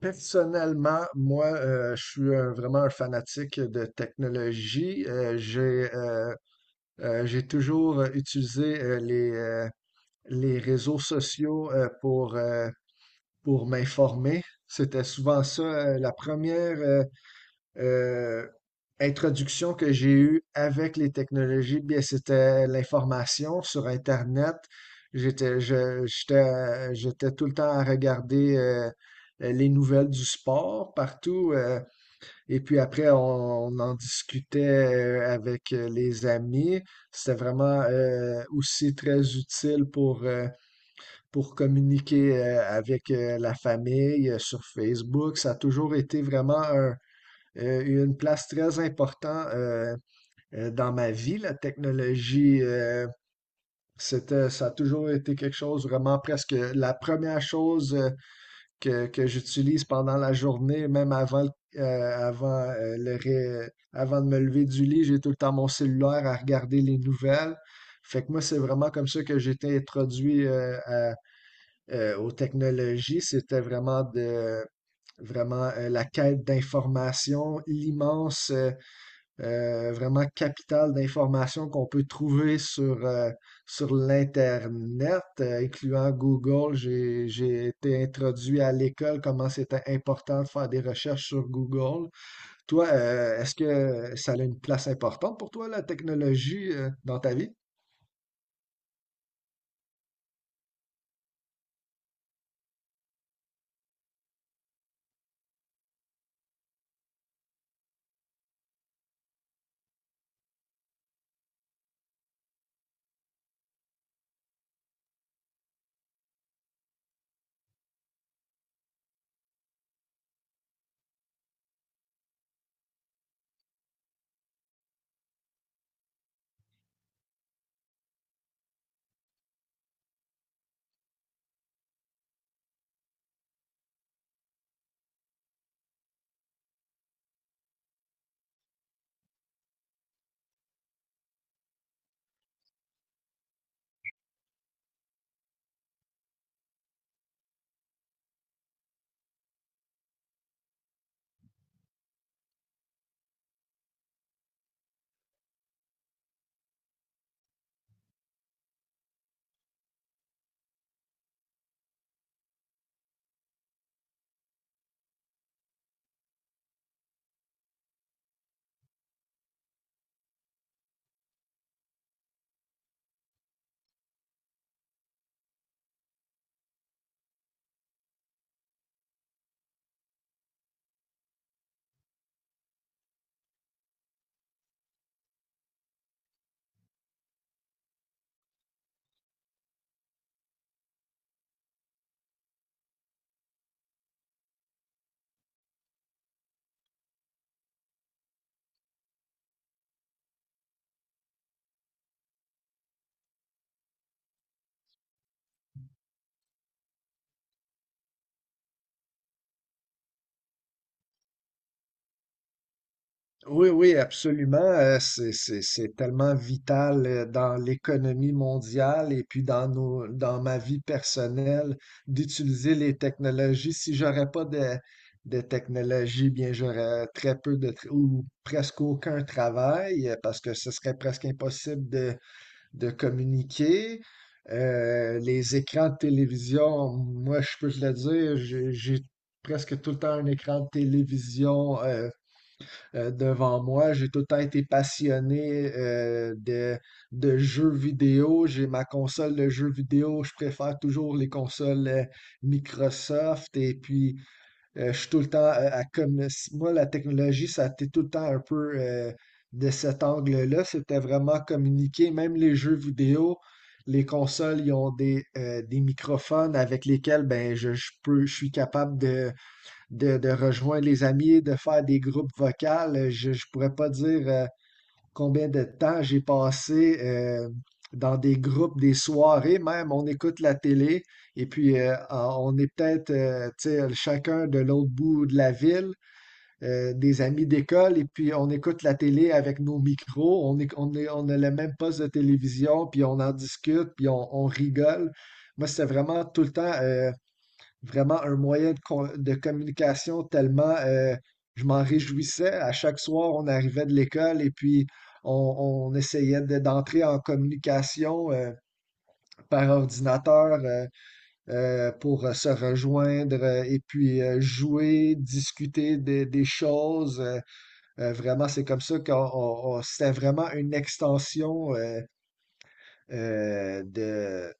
Personnellement, moi, je suis vraiment un fanatique de technologie. J'ai toujours utilisé les réseaux sociaux pour m'informer. C'était souvent ça, la première, euh, introduction que j'ai eue avec les technologies, bien, c'était l'information sur Internet. J'étais, j'étais tout le temps à regarder les nouvelles du sport partout. Et puis après, on en discutait avec les amis. C'était vraiment aussi très utile pour communiquer avec la famille sur Facebook. Ça a toujours été vraiment eu une place très importante dans ma vie. La technologie, ça a toujours été quelque chose, vraiment presque la première chose que j'utilise pendant la journée, même avant, avant de me lever du lit, j'ai tout le temps mon cellulaire à regarder les nouvelles. Fait que moi, c'est vraiment comme ça que j'ai été introduit aux technologies. C'était vraiment la quête d'information, l'immense vraiment capitale d'informations qu'on peut trouver sur l'Internet, incluant Google. J'ai été introduit à l'école, comment c'était important de faire des recherches sur Google. Toi, est-ce que ça a une place importante pour toi, la technologie, dans ta vie? Oui, oui, absolument. C'est c'est tellement vital dans l'économie mondiale et puis dans dans ma vie personnelle d'utiliser les technologies. Si j'aurais pas de technologies, bien, j'aurais très peu ou presque aucun travail parce que ce serait presque impossible de communiquer. Les écrans de télévision, moi, je peux te le dire, j'ai presque tout le temps un écran de télévision devant moi. J'ai tout le temps été passionné de jeux vidéo. J'ai ma console de jeux vidéo. Je préfère toujours les consoles Microsoft. Et puis, je suis tout le temps à comme moi, la technologie, ça a été tout le temps un peu de cet angle-là. C'était vraiment communiquer, même les jeux vidéo. Les consoles, ils ont des microphones avec lesquels ben, je peux, je suis capable de rejoindre les amis, de faire des groupes vocaux. Je ne pourrais pas dire combien de temps j'ai passé dans des groupes, des soirées même. On écoute la télé et puis on est peut-être tu sais, chacun de l'autre bout de la ville, des amis d'école, et puis on écoute la télé avec nos micros. On a le même poste de télévision, puis on en discute, puis on rigole. Moi, c'était vraiment tout le temps vraiment un moyen de communication tellement je m'en réjouissais. À chaque soir, on arrivait de l'école et puis on essayait d'entrer en communication par ordinateur pour se rejoindre et puis jouer, discuter des choses. Vraiment, c'est comme ça qu'on c'était vraiment une extension euh, de,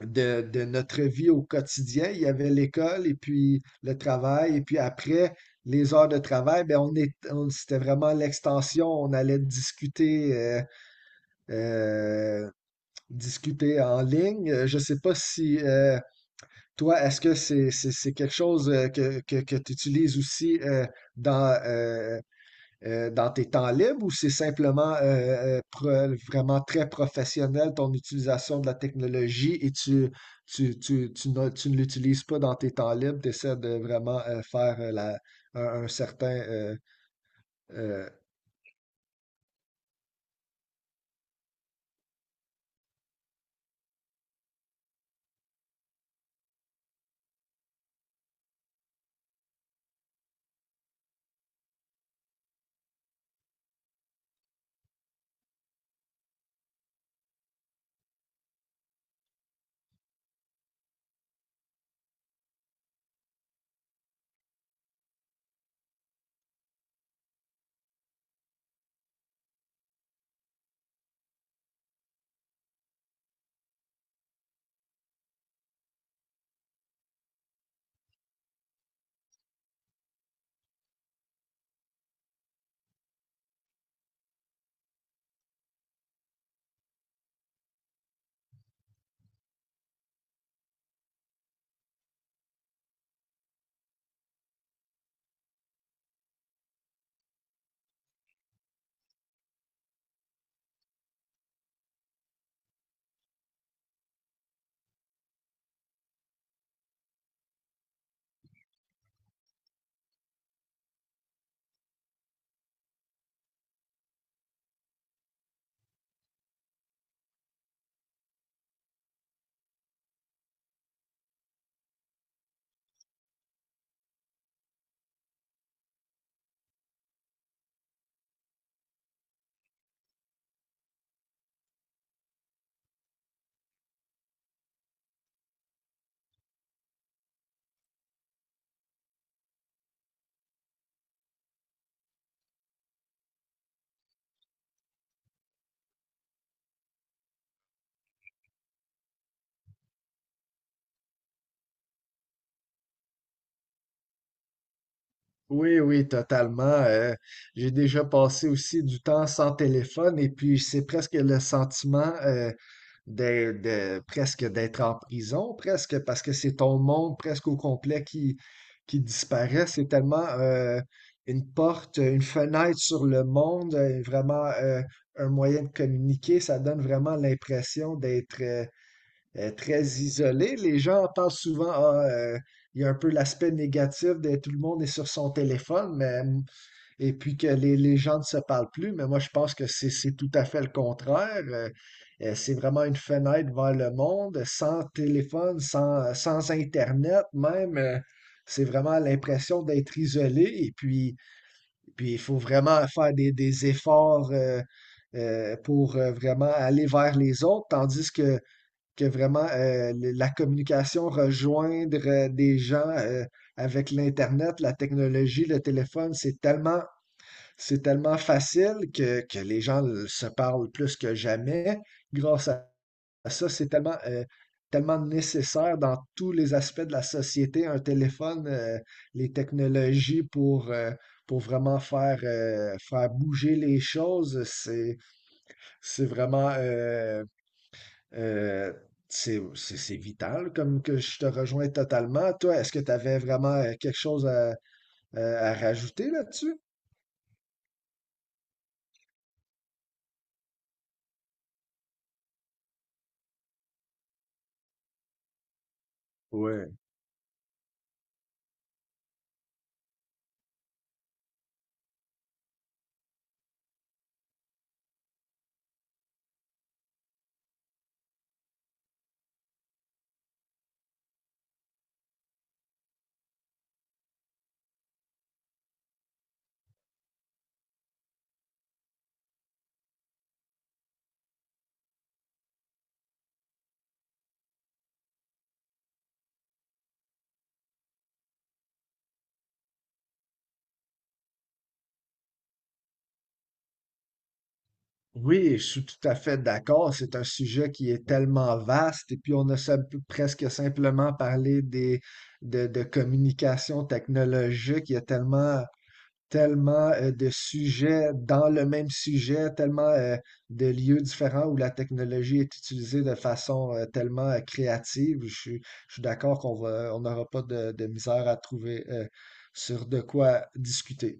de notre vie au quotidien. Il y avait l'école et puis le travail. Et puis après les heures de travail, ben c'était vraiment l'extension. On allait discuter, euh, discuter en ligne. Je ne sais pas si toi, est-ce que c'est quelque chose que tu utilises aussi dans, euh, dans tes temps libres ou c'est simplement vraiment très professionnel ton utilisation de la technologie et tu ne l'utilises pas dans tes temps libres, tu essaies de vraiment faire un certain euh, Oui, oui, totalement. J'ai déjà passé aussi du temps sans téléphone et puis c'est presque le sentiment presque d'être en prison, presque parce que c'est ton monde presque au complet qui disparaît. C'est tellement une porte, une fenêtre sur le monde, vraiment un moyen de communiquer. Ça donne vraiment l'impression d'être très isolé. Les gens pensent souvent, ah, il y a un peu l'aspect négatif de tout le monde est sur son téléphone, mais, et puis que les gens ne se parlent plus. Mais moi, je pense que c'est tout à fait le contraire. C'est vraiment une fenêtre vers le monde, sans téléphone, sans, sans Internet même. C'est vraiment l'impression d'être isolé. Et puis, puis il faut vraiment faire des efforts pour vraiment aller vers les autres, tandis que vraiment la communication, rejoindre des gens avec l'Internet, la technologie, le téléphone, c'est tellement facile que les gens se parlent plus que jamais. Grâce à ça, c'est tellement, tellement nécessaire dans tous les aspects de la société, un téléphone, les technologies pour vraiment faire, faire bouger les choses, c'est vraiment... euh, c'est vital comme que je te rejoins totalement. Toi, est-ce que tu avais vraiment quelque chose à- à rajouter là-dessus? Ouais. Oui, je suis tout à fait d'accord. C'est un sujet qui est tellement vaste et puis on a presque simplement parlé de communication technologique. Il y a tellement tellement de sujets dans le même sujet, tellement de lieux différents où la technologie est utilisée de façon tellement créative. Je suis d'accord on n'aura pas de misère à trouver sur de quoi discuter.